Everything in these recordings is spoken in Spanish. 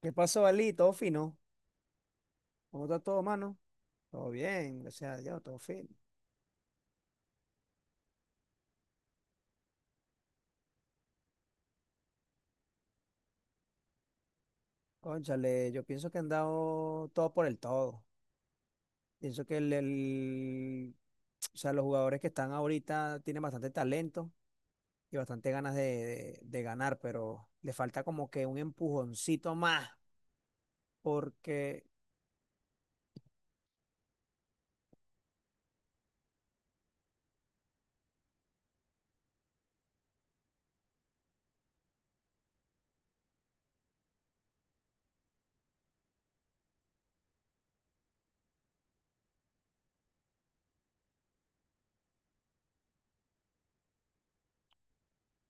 ¿Qué pasó, Ali? Todo fino. ¿Cómo está todo, mano? Todo bien, gracias a Dios, todo fino. Cónchale, yo pienso que han dado todo por el todo. Pienso que o sea, los jugadores que están ahorita tienen bastante talento y bastante ganas de ganar, pero le falta como que un empujoncito más, porque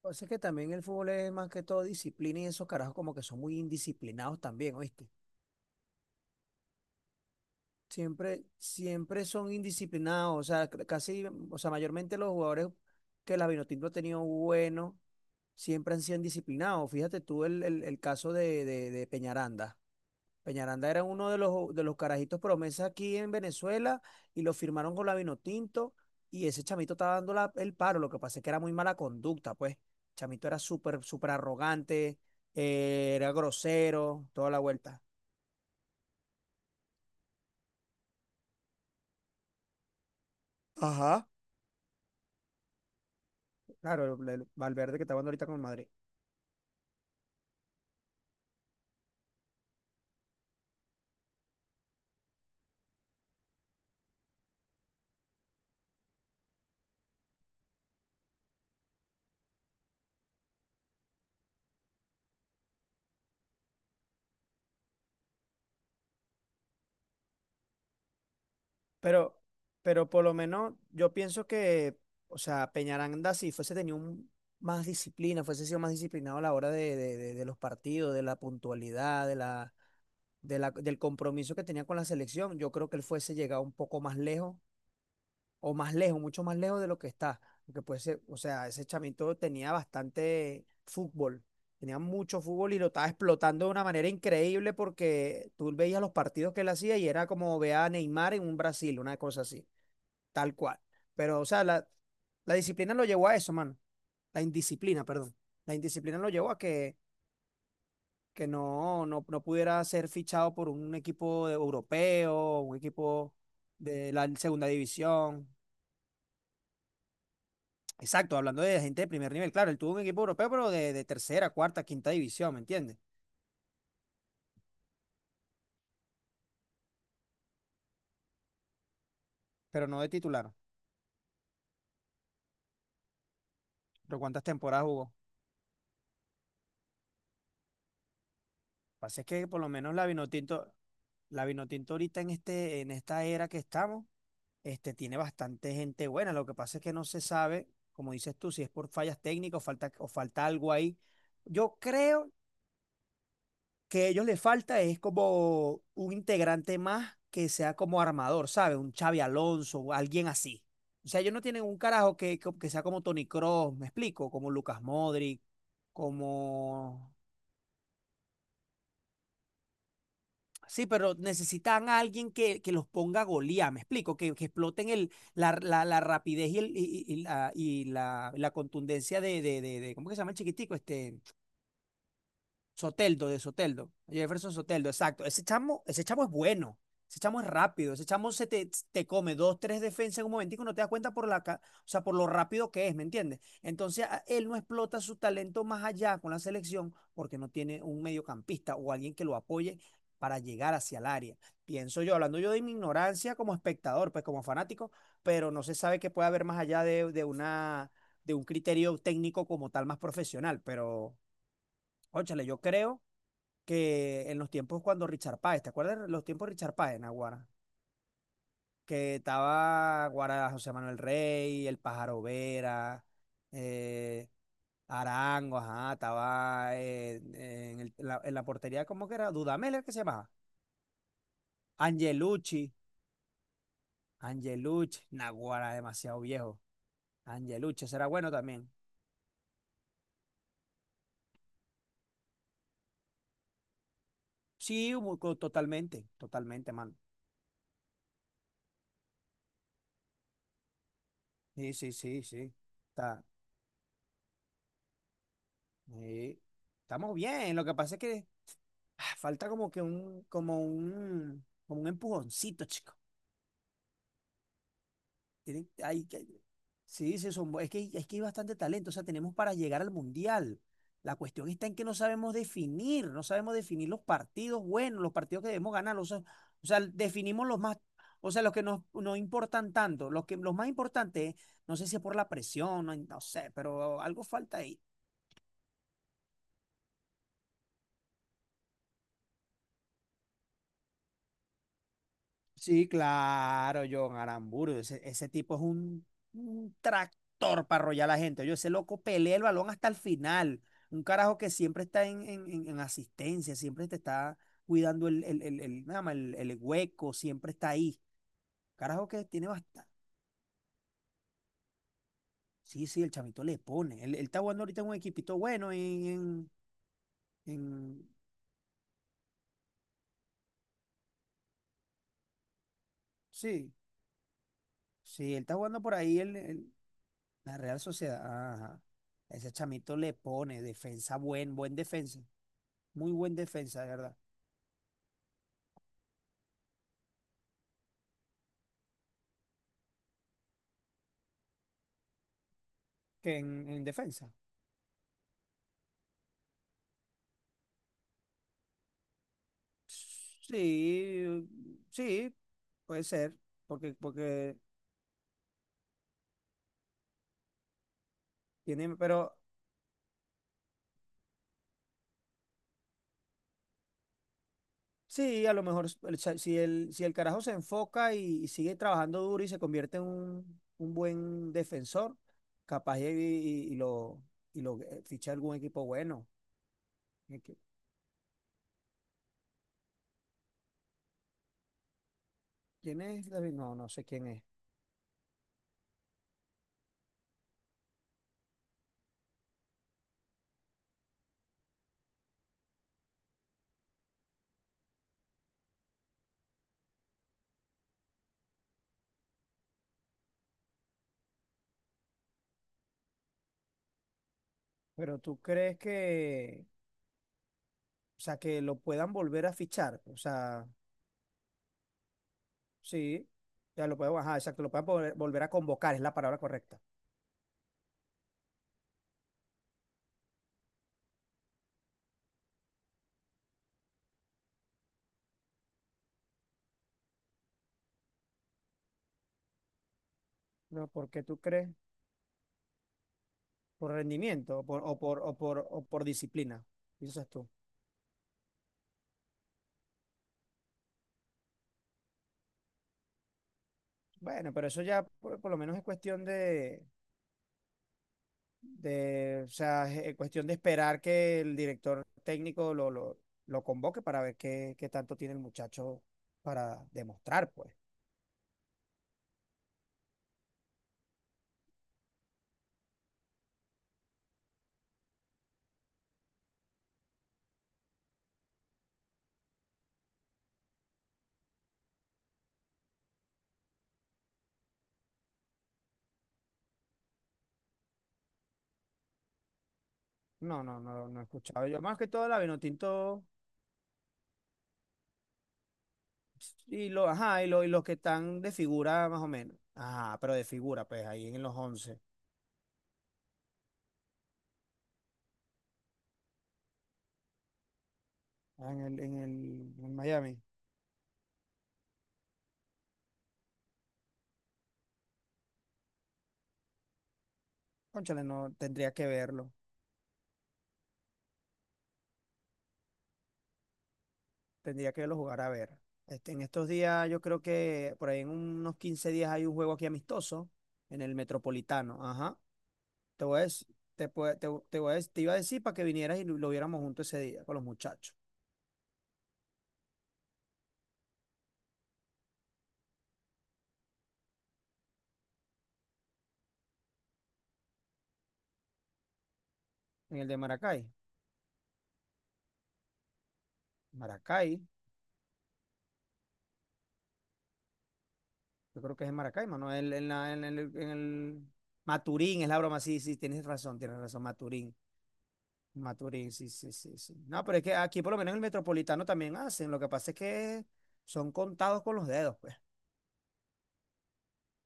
pasa que también el fútbol es más que todo disciplina y esos carajos como que son muy indisciplinados también, ¿oíste? Siempre, siempre son indisciplinados, o sea, casi, o sea, mayormente los jugadores que la Vinotinto ha tenido bueno, siempre han sido indisciplinados. Fíjate tú el caso de Peñaranda. Peñaranda era uno de los carajitos promesa aquí en Venezuela y lo firmaron con la Vinotinto y ese chamito estaba dando el paro. Lo que pasa es que era muy mala conducta, pues. El chamito era súper, súper arrogante, era grosero, toda la vuelta. Ajá. Claro, el Valverde que está jugando ahorita con el Madrid. Pero, pero por lo menos yo pienso que, o sea, Peñaranda, si fuese tenido un- más disciplina, fuese sido más disciplinado a la hora de, de los partidos, de la puntualidad, de la, del compromiso que tenía con la selección, yo creo que él fuese llegado un poco más lejos, o más lejos, mucho más lejos de lo que está. Porque puede ser, o sea, ese chamito tenía bastante fútbol, tenía mucho fútbol y lo estaba explotando de una manera increíble porque tú veías los partidos que él hacía y era como ver a Neymar en un Brasil, una cosa así. Tal cual. Pero, o sea, la disciplina lo llevó a eso, mano. La indisciplina, perdón. La indisciplina lo llevó a que no, no, no pudiera ser fichado por un europeo, un equipo de la segunda división. Exacto, hablando de gente de primer nivel. Claro, él tuvo un equipo europeo, pero de tercera, cuarta, quinta división, ¿me entiendes? Pero no de titular. ¿Pero cuántas temporadas jugó? Lo que pasa es que por lo menos la Vinotinto ahorita en este, en esta era que estamos. Este, tiene bastante gente buena. Lo que pasa es que no se sabe, como dices tú, si es por fallas técnicas o falta algo ahí. Yo creo que a ellos les falta es como un integrante más que sea como armador, ¿sabes? Un Xavi Alonso o alguien así. O sea, ellos no tienen un carajo que, que sea como Toni Kroos, me explico, como Lucas Modric, como. Sí, pero necesitan a alguien que los ponga a golear, me explico, que exploten el, la, la rapidez y, el, y, y la, y la contundencia de, ¿cómo que se llama el chiquitico? Este, Soteldo, de Soteldo. Jefferson Soteldo, exacto. Ese chamo es bueno. Ese chamo es rápido. Ese chamo se te, te come dos, tres defensas en un momentico y no te das cuenta por la, o sea, por lo rápido que es, ¿me entiendes? Entonces, él no explota su talento más allá con la selección porque no tiene un mediocampista o alguien que lo apoye para llegar hacia el área. Pienso yo, hablando yo de mi ignorancia como espectador, pues como fanático, pero no se sabe qué puede haber más allá de una, de un criterio técnico como tal más profesional. Pero, óchale, yo creo que en los tiempos cuando Richard Páez, ¿te acuerdas de los tiempos de Richard Páez en Aguara? Que estaba Guara José Manuel Rey, el Pájaro Vera, eh, Arango, ajá, estaba en, en la portería, ¿cómo que era? Dudamel, ¿era que se llamaba? Angelucci, Angelucci, Naguara, demasiado viejo. Angelucci, será bueno también. Sí, totalmente, totalmente, mano. Sí, sí, sí, sí. Está, sí. Estamos bien, lo que pasa es que ah, falta como que un, como un, como un empujoncito, chico. Tienen- hay que- sí, sí, son, es que hay bastante talento, o sea, tenemos para llegar al mundial. La cuestión está en que no sabemos definir, no sabemos definir los partidos buenos, los partidos que debemos ganar, o sea, definimos los más, o sea, los que nos, nos importan tanto, los que, los más importantes, no sé si es por la presión, no, no sé, pero algo falta ahí. Sí, claro, John Aramburu. Ese tipo es un tractor para arrollar a la gente. Yo, ese loco pelea el balón hasta el final. Un carajo que siempre está en, en asistencia, siempre te está cuidando el, nada más, el hueco, siempre está ahí. Carajo que tiene bastante. Sí, sí, el chamito le pone. Él está jugando ahorita en un equipito bueno en, en- Sí, sí, él está jugando por ahí en la Real Sociedad. Ajá. Ese chamito le pone defensa, buen, buen defensa. Muy buen defensa, de verdad. Que en defensa. Sí, sí, puede ser. Porque, porque tiene, pero sí, a lo mejor si el, si el carajo se enfoca y sigue trabajando duro y se convierte en un buen defensor, capaz y, y lo ficha algún equipo bueno. ¿Y qué- ¿Quién es David? No, no sé quién es. Pero tú crees que, o sea, que lo puedan volver a fichar. O sea. Sí, ya lo podemos, ajá, exacto, lo podemos volver a convocar, es la palabra correcta. No, ¿por qué tú crees? ¿Por rendimiento o por, o por, o por, o por disciplina? Dices tú. Bueno, pero eso ya por lo menos es cuestión de, o sea, es cuestión de esperar que el director técnico lo convoque para ver qué, qué tanto tiene el muchacho para demostrar, pues. No, no, no, no he escuchado. Yo más que todo la Vinotinto. Y, lo, ajá, y, y los que están de figura más o menos. Ajá, pero de figura, pues ahí en los 11 ah, en el, en el en Miami. Cónchale, no, tendría que verlo jugar a ver. Este, en estos días yo creo que por ahí en unos 15 días hay un juego aquí amistoso en el Metropolitano. Ajá, te voy a decir, te, te, te voy a te iba a decir para que vinieras y lo viéramos juntos ese día con los muchachos. En el de Maracay. Maracay, yo creo que es en Maracaibo, ¿no? En, en el, en Maturín, es la broma, sí, sí, tienes razón, Maturín. Maturín, sí, sí, sí, sí. No, pero es que aquí por lo menos en el metropolitano también hacen, lo que pasa es que son contados con los dedos, pues.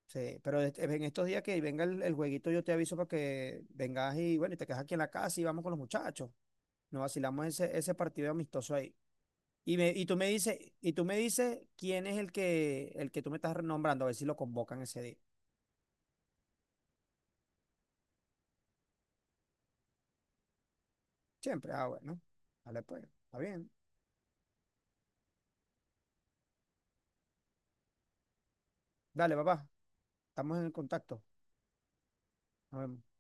Sí, pero este- en estos días que venga el jueguito yo te aviso para que vengas y bueno, y te quedas aquí en la casa y vamos con los muchachos. Nos vacilamos ese, ese partido amistoso ahí. Y, me, y tú me dices, y tú me dices quién es el que tú me estás nombrando, a ver si lo convocan ese día. Siempre. Ah, bueno. Vale, pues. Está bien. Dale, papá. Estamos en el contacto. Nos vemos.